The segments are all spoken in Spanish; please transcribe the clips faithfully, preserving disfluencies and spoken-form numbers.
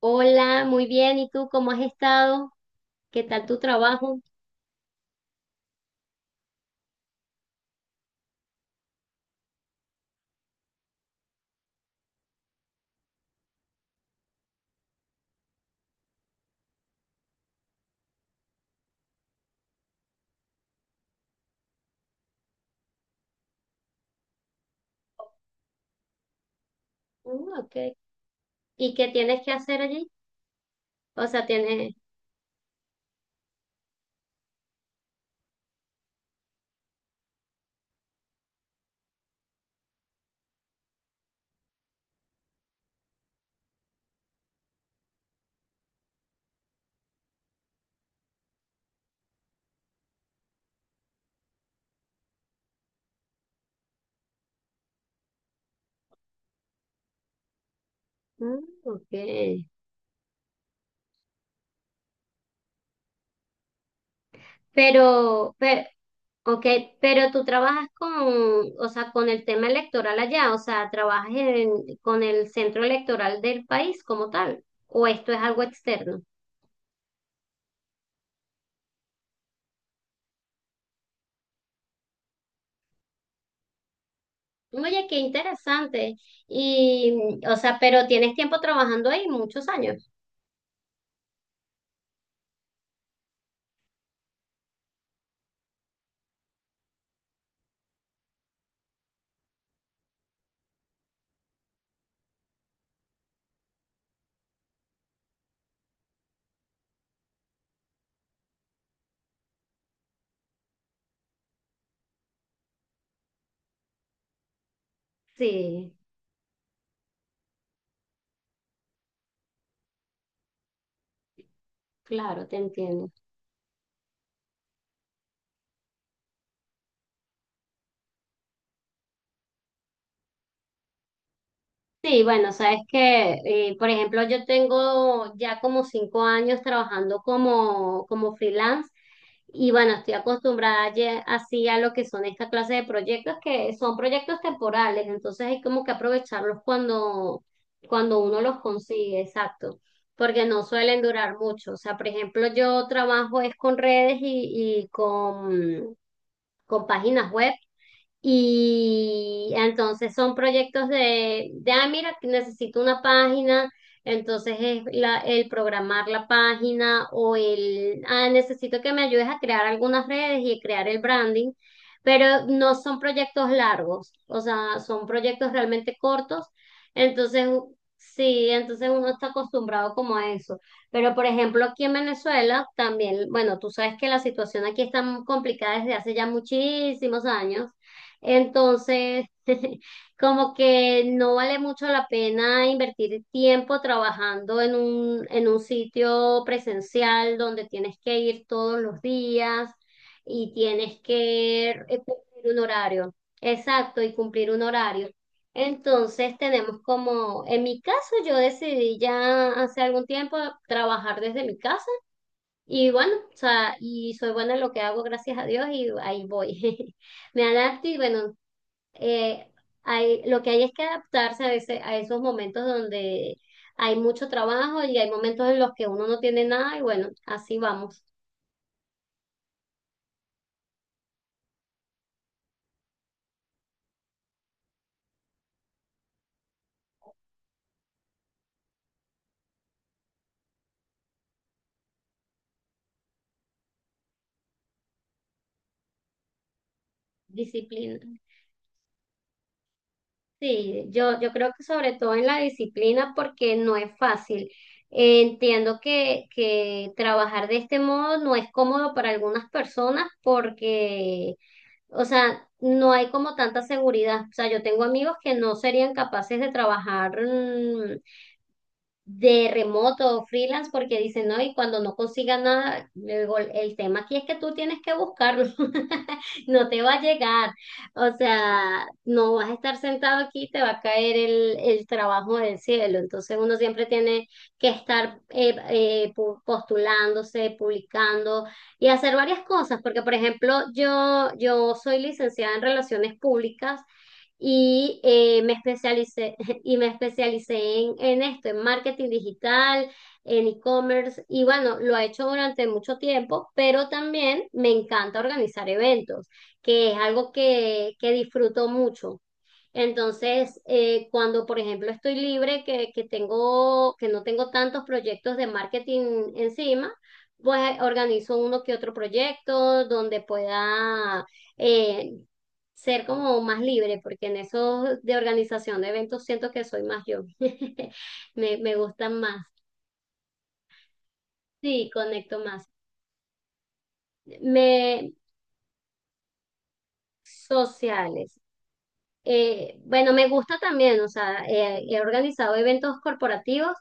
Hola, muy bien. ¿Y tú cómo has estado? ¿Qué tal tu trabajo? Mm, okay. ¿Y qué tienes que hacer allí? O sea, tienes. Mm, okay. Pero, pero, okay, pero tú trabajas con, o sea, con el tema electoral allá, o sea, trabajas en- con el centro electoral del país como tal, o esto es algo externo. Oye, qué interesante. Y, o sea, pero tienes tiempo trabajando ahí, muchos años. Sí, claro, te entiendo. Sí, bueno, sabes que, eh, por ejemplo, yo tengo ya como cinco años trabajando como, como freelance y bueno, estoy acostumbrada ya así a lo que son esta clase de proyectos que son proyectos temporales, entonces hay como que aprovecharlos cuando, cuando uno los consigue, exacto, porque no suelen durar mucho. O sea, por ejemplo, yo trabajo es con redes y, y con, con páginas web. Y entonces son proyectos de, de, ah, mira, que necesito una página, entonces es la- el programar la página o el, ah, necesito que me ayudes a crear algunas redes y crear el branding, pero no son proyectos largos, o sea, son proyectos realmente cortos, entonces sí, entonces uno está acostumbrado como a eso. Pero por ejemplo, aquí en Venezuela también, bueno, tú sabes que la situación aquí está muy complicada desde hace ya muchísimos años. Entonces, como que no vale mucho la pena invertir tiempo trabajando en un, en un sitio presencial donde tienes que ir todos los días y tienes que eh, cumplir un horario. Exacto, y cumplir un horario. Entonces tenemos como, en mi caso yo decidí ya hace algún tiempo trabajar desde mi casa y bueno, o sea, y soy buena en lo que hago, gracias a Dios, y ahí voy. Me adapto y bueno, eh, hay, lo que hay es que adaptarse a ese, a esos momentos donde hay mucho trabajo y hay momentos en los que uno no tiene nada y bueno, así vamos. Disciplina. Sí, yo, yo creo que sobre todo en la disciplina porque no es fácil. Entiendo que, que trabajar de este modo no es cómodo para algunas personas porque, o sea, no hay como tanta seguridad. O sea, yo tengo amigos que no serían capaces de trabajar, mm, de remoto o freelance porque dicen, no, y cuando no consiga nada, le digo, el tema aquí es que tú tienes que buscarlo, no te va a llegar, o sea, no vas a estar sentado aquí, te va a caer el, el trabajo del cielo, entonces uno siempre tiene que estar eh, eh, pu- postulándose, publicando y hacer varias cosas, porque por ejemplo, yo, yo soy licenciada en relaciones públicas y eh, me especialicé y me especialicé en, en esto, en marketing digital, en e-commerce y bueno, lo he hecho durante mucho tiempo, pero también me encanta organizar eventos, que es algo que, que disfruto mucho. Entonces, eh, cuando, por ejemplo, estoy libre, que, que tengo, que no tengo tantos proyectos de marketing encima, pues eh, organizo uno que otro proyecto donde pueda eh, ser como más libre, porque en eso de organización de eventos siento que soy más yo. Me, me gustan más. Sí, conecto más. Me, Sociales. Eh, bueno, me gusta también, o sea, eh, he organizado eventos corporativos,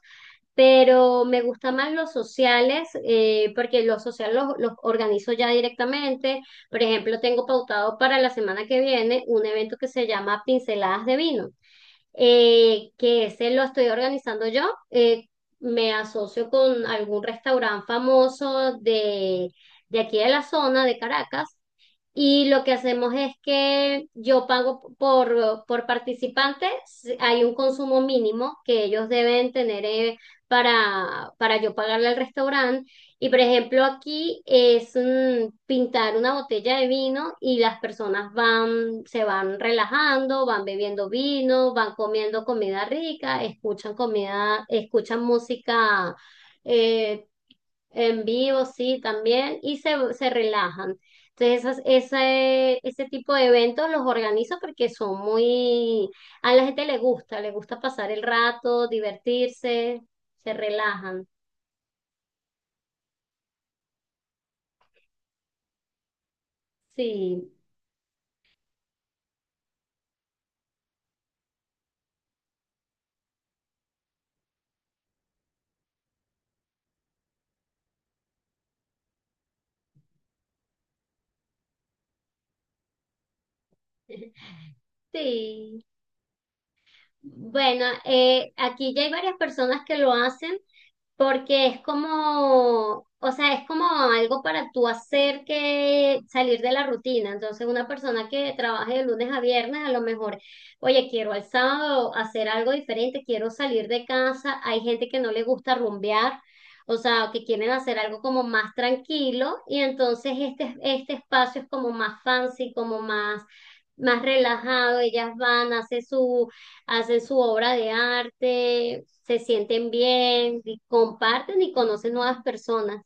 pero me gusta más los sociales, eh, porque los sociales los, los organizo ya directamente. Por ejemplo, tengo pautado para la semana que viene un evento que se llama Pinceladas de Vino, eh, que ese lo estoy organizando yo. eh, Me asocio con algún restaurante famoso de, de aquí de la zona de Caracas y lo que hacemos es que yo pago por, por participante, si hay un consumo mínimo que ellos deben tener eh, para, para yo pagarle al restaurante. Y por ejemplo, aquí es mm, pintar una botella de vino y las personas van, se van relajando, van bebiendo vino, van comiendo comida rica, escuchan comida, escuchan música eh, en vivo, sí, también, y se, se relajan. Entonces, esas, ese, ese tipo de eventos los organizo porque son muy. A la gente le gusta, le gusta pasar el rato, divertirse, se relajan. Sí, sí. Bueno, eh, aquí ya hay varias personas que lo hacen. Porque es como, o sea, es como algo para tú hacer que salir de la rutina. Entonces, una persona que trabaje de lunes a viernes, a lo mejor, oye, quiero el sábado hacer algo diferente, quiero salir de casa. Hay gente que no le gusta rumbear. O sea, que quieren hacer algo como más tranquilo y entonces este, este espacio es como más fancy, como más, más relajado. Ellas van, hacen su hacen su obra de arte, se sienten bien, y comparten y conocen nuevas personas.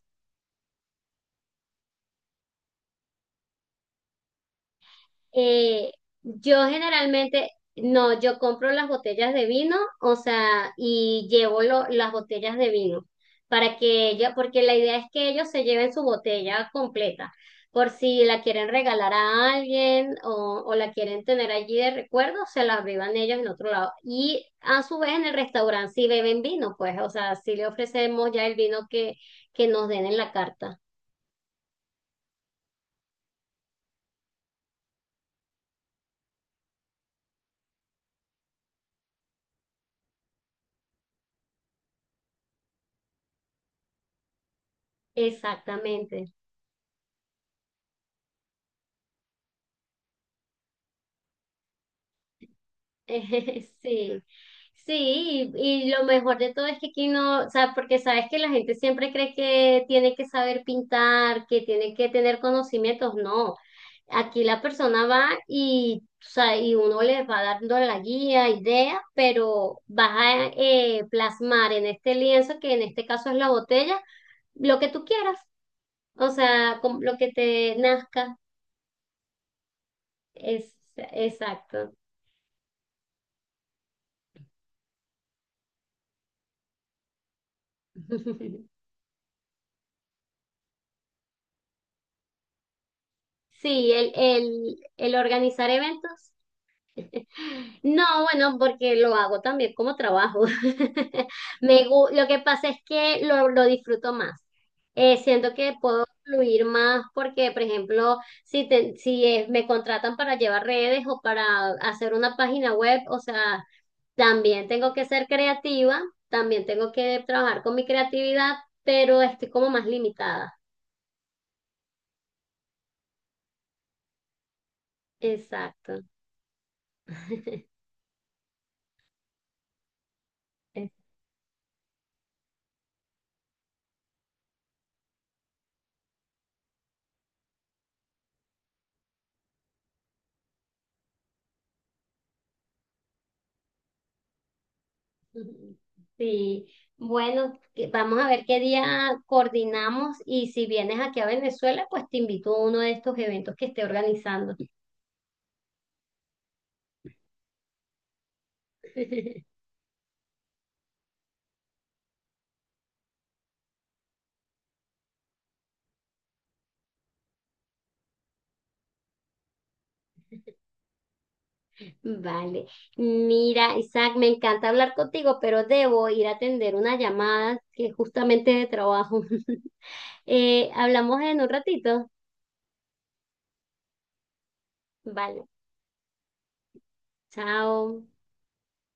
Eh, yo generalmente, no, yo compro las botellas de vino, o sea, y llevo lo- las botellas de vino para que ella, porque la idea es que ellos se lleven su botella completa, por si la quieren regalar a alguien o, o la quieren tener allí de recuerdo, se la beban ellos en otro lado. Y a su vez en el restaurante si beben vino, pues, o sea, si le ofrecemos ya el vino que, que nos den en la carta. Exactamente. Sí, sí, y, y lo mejor de todo es que aquí no, o sea, porque sabes que la gente siempre cree que tiene que saber pintar, que tiene que tener conocimientos, no. Aquí la persona va y, o sea, y uno les va dando la guía, idea, pero vas a eh, plasmar en este lienzo, que en este caso es la botella, lo que tú quieras, o sea, con lo que te nazca, es exacto. Sí, el, el, el organizar eventos. No, bueno, porque lo hago también como trabajo. Me, gu- lo que pasa es que lo, lo disfruto más. Eh, siento que puedo fluir más porque, por ejemplo, si, te- si eh, me contratan para llevar redes o para hacer una página web, o sea, también tengo que ser creativa, también tengo que trabajar con mi creatividad, pero estoy como más limitada. Exacto. Ujú. Sí, bueno, que- vamos a ver qué día coordinamos y si vienes aquí a Venezuela, pues te invito a uno de estos eventos que esté organizando. Vale, mira, Isaac, me encanta hablar contigo, pero debo ir a atender una llamada que es justamente de trabajo. Eh, hablamos en un ratito. Vale, chao.